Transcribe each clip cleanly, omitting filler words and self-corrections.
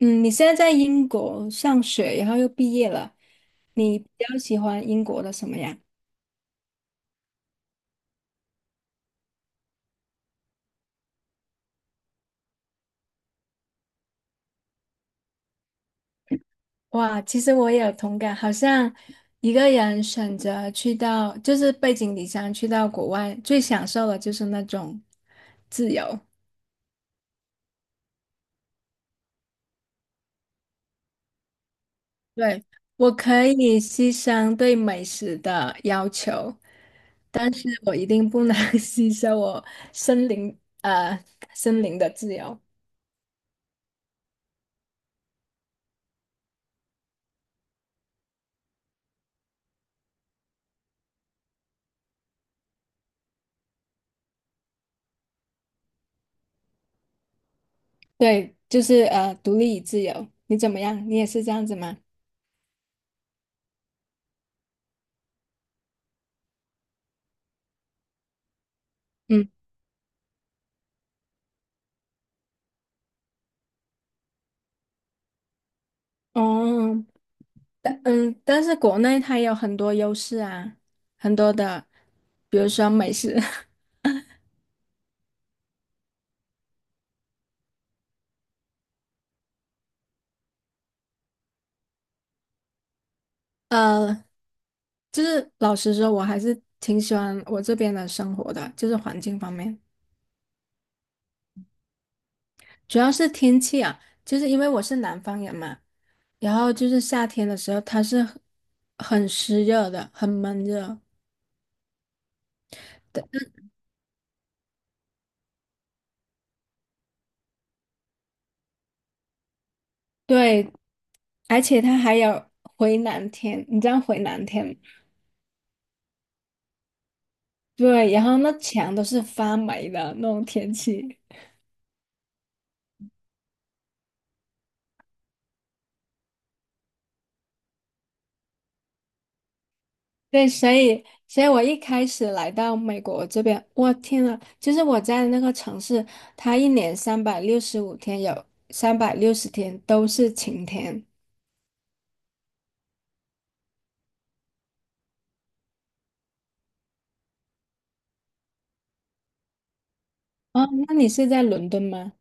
嗯，你现在在英国上学，然后又毕业了，你比较喜欢英国的什么呀？哇，其实我也有同感，好像一个人选择去到，就是背井离乡去到国外，最享受的就是那种自由。对，我可以牺牲对美食的要求，但是我一定不能 牺牲我森林，呃，森林的自由。对，就是独立与自由，你怎么样？你也是这样子吗？嗯，哦，但是国内它有很多优势啊，很多的，比如说美食，呃，就是老实说，我还是挺喜欢我这边的生活的，就是环境方面，主要是天气啊，就是因为我是南方人嘛，然后就是夏天的时候它是很湿热的，很闷热的。对，而且它还有回南天，你知道回南天吗？对，然后那墙都是发霉的那种天气。对，所以我一开始来到美国这边，我天呐，就是我在那个城市，它一年365天有360天都是晴天。哦，那你是在伦敦吗？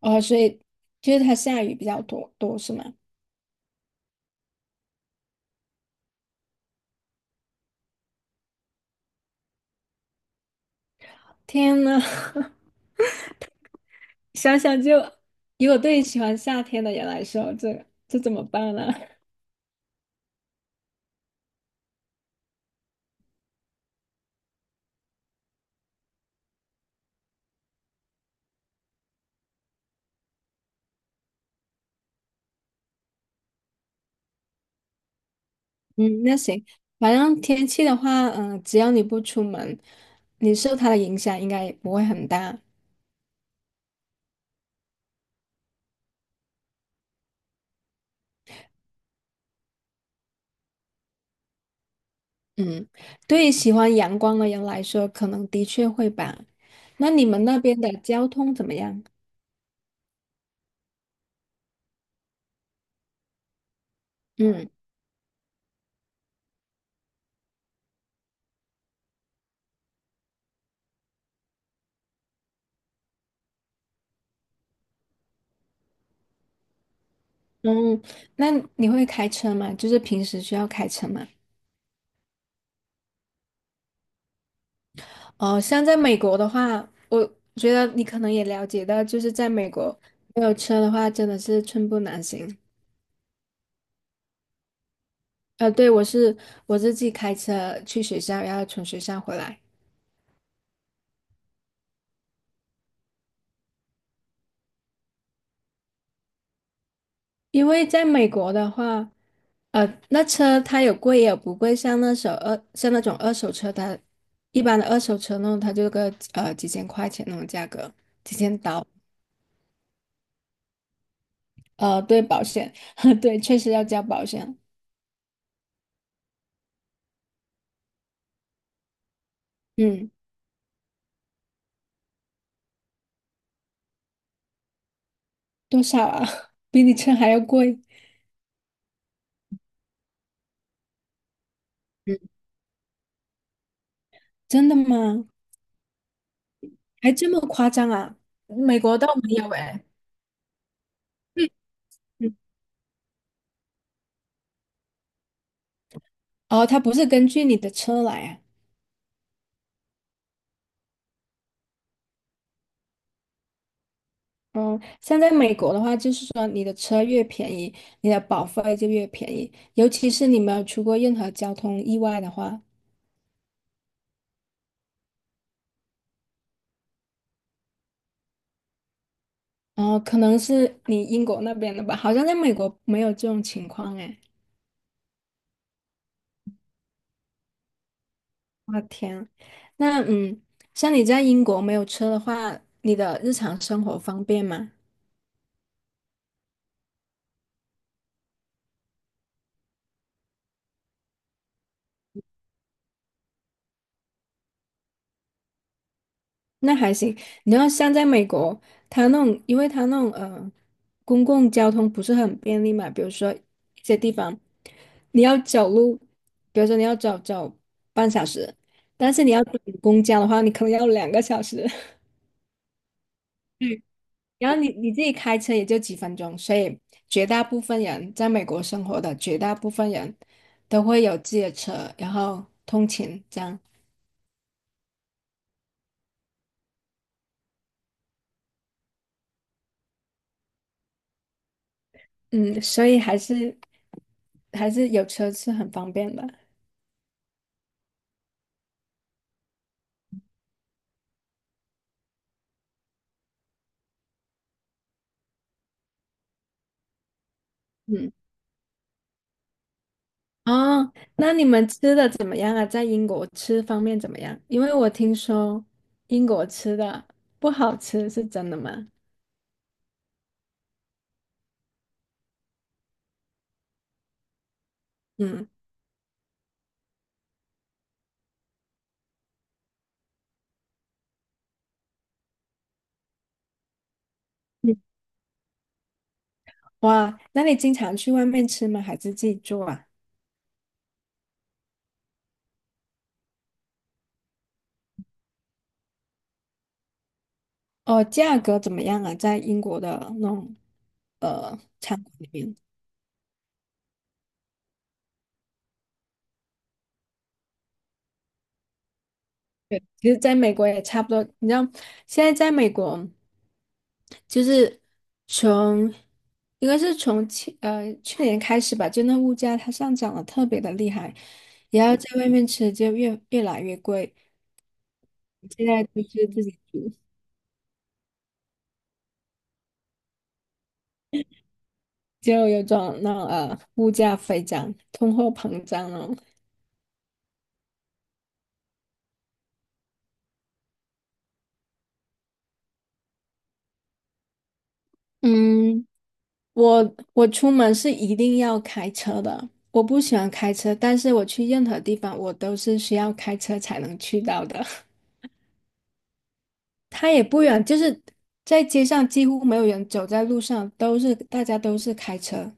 哦，所以就是它下雨比较多是吗？天呐！想想就，如果对于喜欢夏天的人来说，这怎么办呢？嗯，那行，反正天气的话，只要你不出门，你受它的影响应该也不会很大。嗯，对于喜欢阳光的人来说，可能的确会吧。那你们那边的交通怎么样？嗯嗯，那你会开车吗？就是平时需要开车吗？哦，像在美国的话，我觉得你可能也了解到，就是在美国没有车的话，真的是寸步难行。对，我自己开车去学校，然后从学校回来。因为在美国的话，那车它有贵也有不贵，像那种二手车，它一般的二手车那种，它就个几千块钱那种价格，几千刀。对，保险，对，确实要交保险，嗯，多少啊？比你车还要贵。嗯。真的吗？还这么夸张啊？美国倒没有哎。嗯，嗯，哦，它不是根据你的车来啊。嗯，像在美国的话，就是说你的车越便宜，你的保费就越便宜。尤其是你没有出过任何交通意外的话，哦，可能是你英国那边的吧，好像在美国没有这种情况哎。我的天，那像你在英国没有车的话，你的日常生活方便吗？那还行。你要像在美国，它那种，因为它那种，公共交通不是很便利嘛，比如说一些地方你要走路，比如说你要走半小时，但是你要等公交的话，你可能要2个小时，然后你自己开车也就几分钟，所以绝大部分人在美国生活的绝大部分人都会有自己的车，然后通勤这样，嗯，所以还是有车是很方便的，嗯。哦，那你们吃的怎么样啊？在英国吃方面怎么样？因为我听说英国吃的不好吃，是真的吗？嗯，嗯哇，那你经常去外面吃吗？还是自己做啊？哦，价格怎么样啊？在英国的那种餐馆里面？对，其实在美国也差不多。你知道，现在在美国，就是从应该是从去年开始吧，就那物价它上涨的特别的厉害，然后在外面吃就越来越贵。现在就是自己煮，就有种那种物价飞涨、通货膨胀了。嗯，我出门是一定要开车的。我不喜欢开车，但是我去任何地方，我都是需要开车才能去到的。他也不远，就是在街上几乎没有人走在路上，大家都是开车。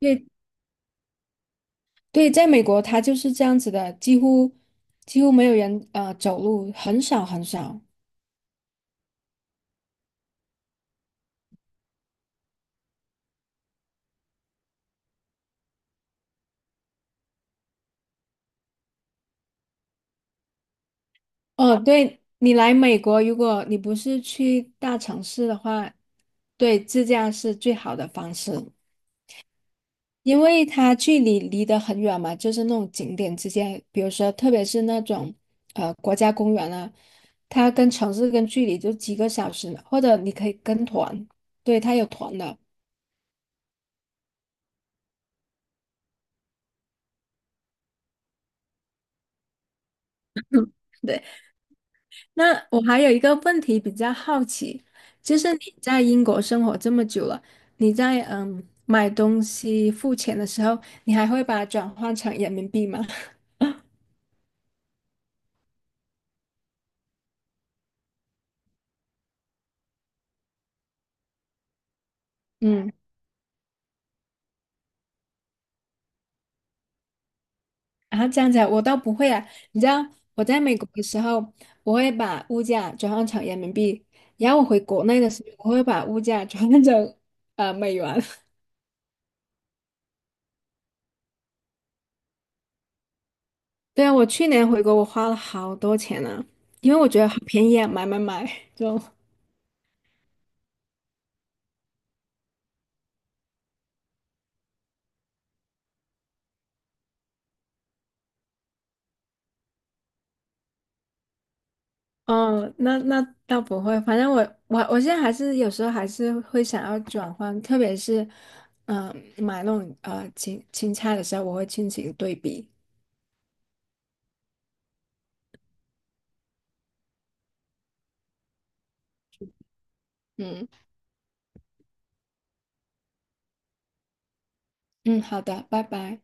对对，在美国他就是这样子的，几乎没有人走路，很少很少。哦，对，你来美国，如果你不是去大城市的话，对，自驾是最好的方式。因为它距离离得很远嘛，就是那种景点之间，比如说特别是那种国家公园啊，它跟城市跟距离就几个小时呢，或者你可以跟团，对，它有团的。对，那我还有一个问题比较好奇，就是你在英国生活这么久了，你在买东西付钱的时候，你还会把它转换成人民币吗？嗯。啊，这样子啊我倒不会啊。你知道我在美国的时候，我会把物价转换成人民币，然后我回国内的时候，我会把物价转换成美元。对啊，我去年回国，我花了好多钱呢，因为我觉得好便宜啊，买买买就。嗯那倒不会，反正我现在还是有时候还是会想要转换，特别是嗯、买那种青菜的时候，我会进行对比。嗯嗯，好的，拜拜。